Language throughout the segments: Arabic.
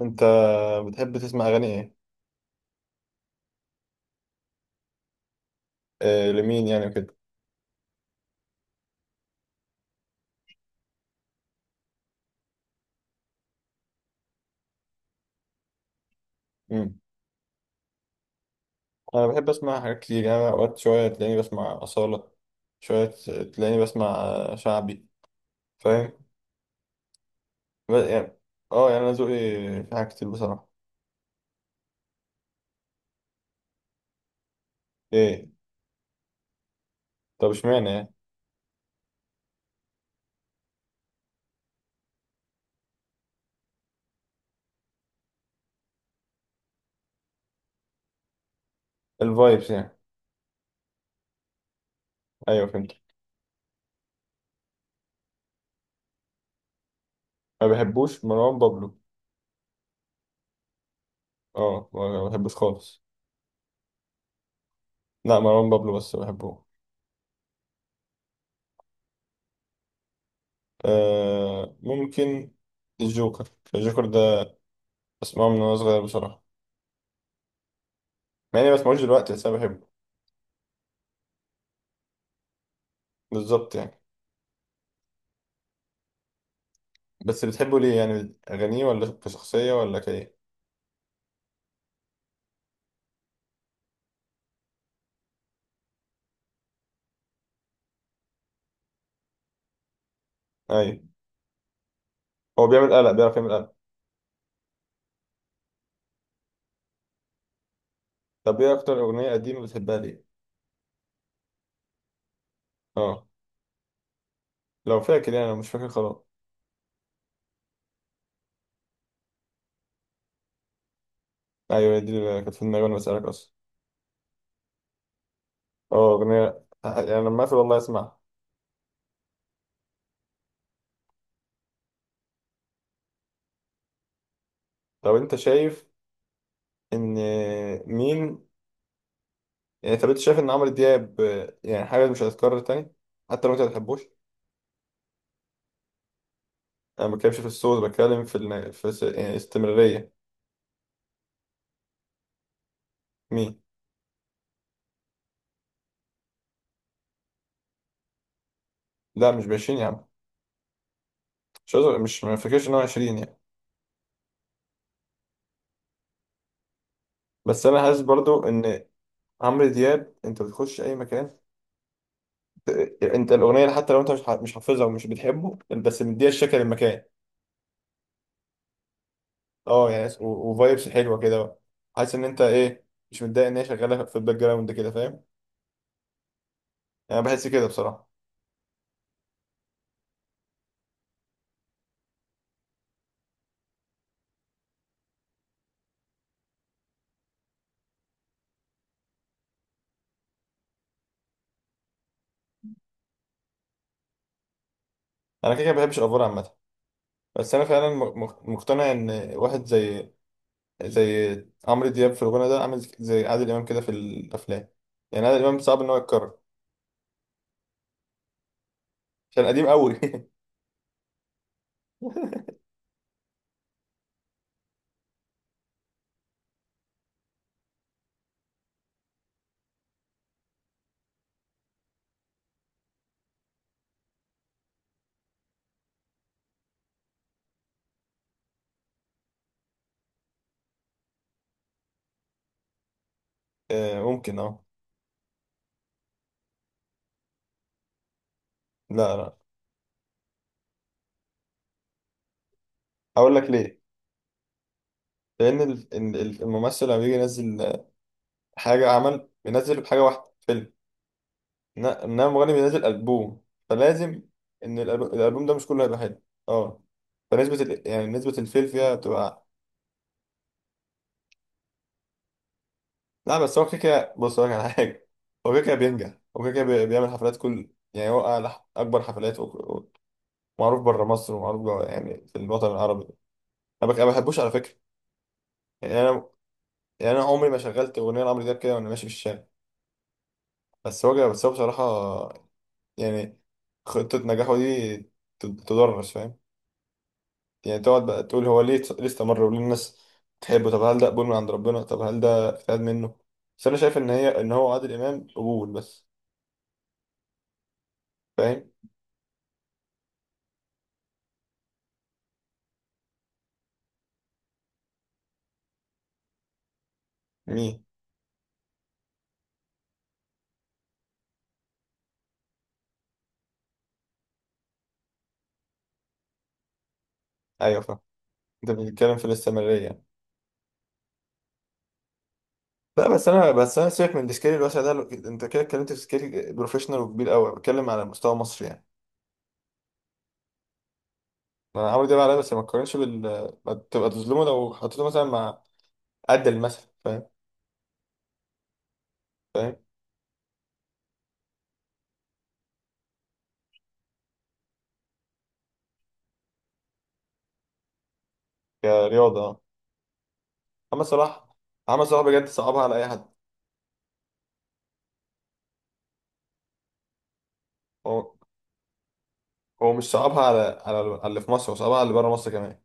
انت بتحب تسمع اغاني ايه؟ آه، لمين يعني وكده. مم. انا بحب اسمع حاجات كتير، يعني أنا اوقات شويه تلاقيني بسمع اصاله، شويه تلاقيني بسمع شعبي، فاهم؟ يعني، اه يعني انا ذوقي في حاجات كتير بصراحه. ايه؟ طب اشمعنى يعني؟ الفايبس يعني. ايوه، فهمت. ما بحبوش مروان بابلو. اه، ما بحبوش خالص. لا، مروان بابلو بس بحبه. آه، ممكن الجوكر. الجوكر ده بسمعه من وانا صغير بصراحه. مع اني ما بسمعوش دلوقتي بس انا بحبه. بالظبط يعني. بس بتحبه ليه؟ يعني أغانيه ولا كشخصية ولا كإيه؟ أيوة، هو بيعمل قلق، بيعرف يعمل قلق. طب إيه أكتر أغنية قديمة بتحبها ليه؟ أه، لو فاكر يعني. أنا مش فاكر خلاص. أيوة، هي دي اللي كانت في دماغي وأنا بسألك أصلا. أه، أغنية يعني لما أقفل والله أسمعها. طب أنت شايف إن مين يعني؟ طب أنت شايف إن عمرو دياب يعني حاجة مش هتتكرر تاني؟ حتى لو أنت ما بتحبوش. أنا ما بتكلمش في الصوت، بتكلم في يعني استمرارية. مين؟ لا، مش بـ20 يا عم. مش ما فاكرش إن هو 20. بس انا حاسس برضو ان عمرو دياب، انت بتخش اي مكان. ت- انت الاغنيه حتى لو انت مش حافظها ومش بتحبه، بس مديها الشكل للمكان. اه يعني، وفايبس حلوه كده بقى. حاسس ان انت ايه، مش متضايق ان هي شغاله في الباك جراوند كده، فاهم؟ يعني انا بحس كده بصراحه. انا كده كده ما بحبش الافوار عامه. بس انا فعلا مقتنع ان واحد زي عمرو دياب في الغنى ده، عامل زي عادل امام كده في الافلام. يعني عادل امام صعب ان هو يتكرر. عشان قديم قوي. آه، ممكن اه. لا لا، اقول لك ليه. لان الممثل لما بيجي ينزل حاجه، عمل بينزل بحاجه واحده فيلم. انما المغني بينزل البوم، فلازم ان الالبوم ده مش كله هيبقى حلو. اه فنسبه يعني نسبه الفيل فيها بتبقى. لا بس هو كده كده، بص هقول لك على حاجه. هو كده كده بينجح، هو كده كده بيعمل حفلات كل، يعني هو أعلى اكبر حفلات ومعروف بره مصر ومعروف جوه يعني في الوطن العربي. أنا ما بحبوش على فكره. يعني انا يعني انا عمري ما شغلت اغنيه لعمرو دياب كده وانا ماشي في الشارع. بس هو بصراحه، يعني خطة نجاحه دي تدرس، فاهم؟ يعني تقعد بقى تقول هو ليه استمر وليه الناس تحبه، طب هل ده قبول من عند ربنا، طب هل ده اجتهاد منه. بس انا شايف ان هو عادل امام قبول بس، فاهم؟ مين؟ ايوه، فاهم. انت بتتكلم في الاستمرارية يعني. لا بس انا سيبك من السكيل الواسع ده. انت كده اتكلمت في سكيل بروفيشنال وكبير قوي، بتكلم على مستوى مصر يعني. انا عمرو دياب عليا، بس ما تقارنش بال، ما تبقى تظلمه لو حطيته مثلا مع قد المثل، فاهم؟ فاهم. كرياضة، محمد صلاح. محمد صلاح بجد صعبها على اي حد. هو هو مش صعبها على اللي في مصر، هو صعبها على اللي بره مصر كمان.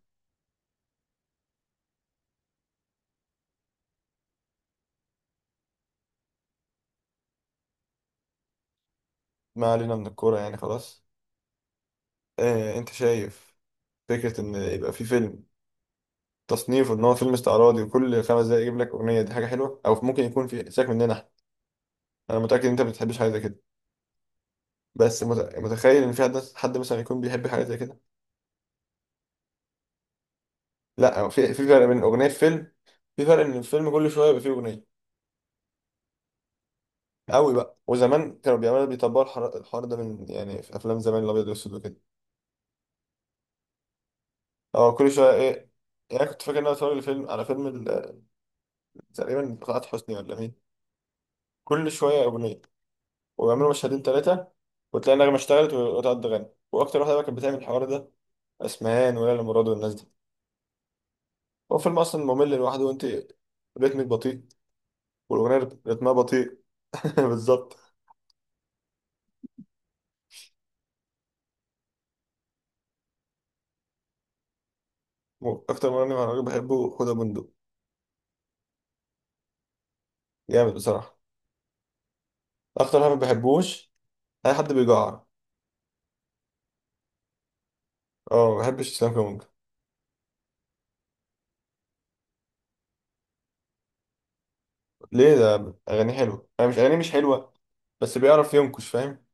ما علينا من الكوره يعني خلاص. إيه انت شايف فكره ان يبقى في فيلم تصنيفه ان هو فيلم استعراضي وكل 5 دقايق يجيب لك اغنيه؟ دي حاجه حلوه، او ممكن يكون في سيبك مننا احنا. انا متاكد ان انت ما بتحبش حاجه زي كده، بس متخيل ان في حد مثلا يكون بيحب حاجه زي كده. لا هو في في فرق بين اغنيه في فيلم، في فرق ان الفيلم كل شويه يبقى فيه اغنيه قوي بقى. وزمان كانوا بيعملوا بيطبقوا الحوار ده من، يعني في افلام زمان الابيض والاسود وكده. اه كل شويه ايه، يعني كنت فاكر ان انا اتفرج على فيلم تقريبا بتاعت حسني ولا مين. كل شويه اغنيه، ويعملوا مشهدين ثلاثه، وتلاقي النغمه اشتغلت وتقعد تغني. واكتر واحده بقى كانت بتعمل الحوار ده اسمهان وليلى مراد والناس دي. هو فيلم اصلا ممل لوحده، وانت رتمك بطيء والاغنيه رتمها بطيء. بالظبط. اكتر مغني مهرجان بحبه حوده بندق، جامد بصراحه. اكتر واحد ما بحبوش اي حد بيجعر. اه، ما بحبش اسلام كمان. ليه؟ ده اغاني حلوه. انا مش اغاني مش حلوه، بس بيعرف ينكش، فاهم؟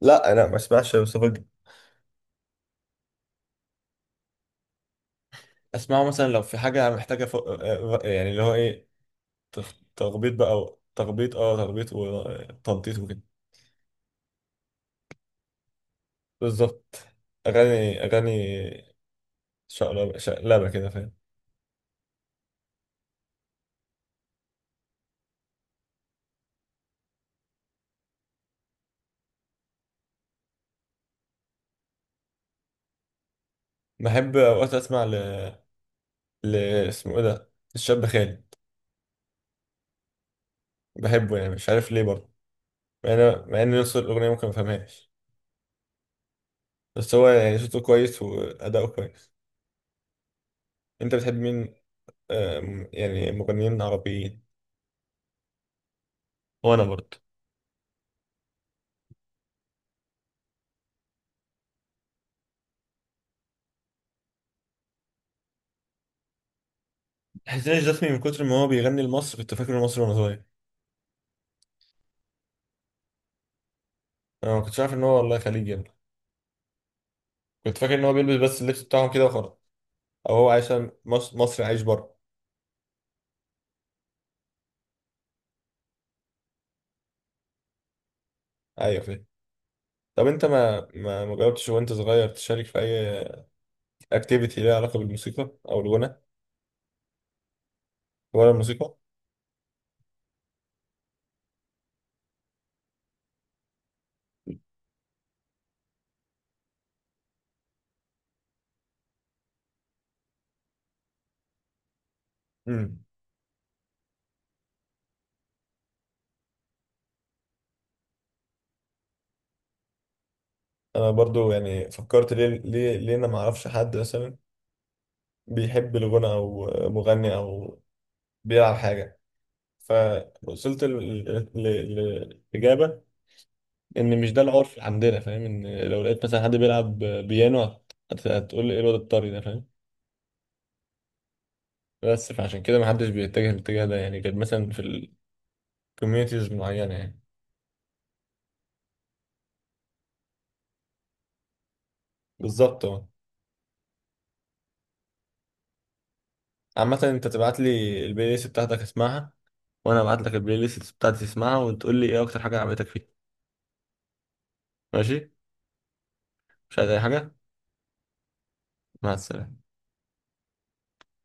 لا انا ما اسمعش مصطفى اسمعه مثلا لو في حاجه محتاجه ف... آه، يعني اللي هو ايه. تخبيط بقى، تخبيط وتنطيط وكده. بالظبط. اغاني اغاني، شقلبه شقلبه كده، فاهم؟ بحب اوقات اسمع ل... ل اسمه ايه ده، الشاب خالد. بحبه يعني، مش عارف ليه برضه. مع ان نص الاغنيه ممكن ما فهمهاش، بس هو يعني صوته كويس واداؤه كويس. انت بتحب مين؟ يعني مغنيين عربيين. وانا برضه. حسين الجسمي من كتر ما هو بيغني لمصر، كنت فاكر انه مصري وانا صغير. انا ما كنتش عارف ان هو والله خليجي يعني. كنت فاكر ان هو بيلبس بس اللبس بتاعهم كده وخلاص، او هو عايش مصر، مصري عايش بره. ايوه، فاهم. طب انت ما جربتش وانت صغير، تشارك في اي اكتيفيتي ليها علاقه بالموسيقى او الغنى ولا الموسيقى؟ امم. انا برضو يعني فكرت ليه انا ما اعرفش حد مثلا بيحب الغنى او مغني او بيلعب حاجه؟ فوصلت للإجابة إن مش ده العرف اللي عندنا، فاهم؟ إن لو لقيت مثلا حد بيلعب بيانو، هتقول لي إيه الواد الطري ده، فاهم؟ بس فعشان كده محدش بيتجه الاتجاه ده، يعني غير مثلا في الكوميونيتيز معينة يعني. بالظبط، أه. عامة أنت تبعت لي البلاي ليست بتاعتك أسمعها، وأنا أبعت لك البلاي ليست بتاعتي تسمعها وتقول لي إيه أكتر حاجة عجبتك فيها. ماشي؟ مش عايز أي حاجة؟ مع السلامة.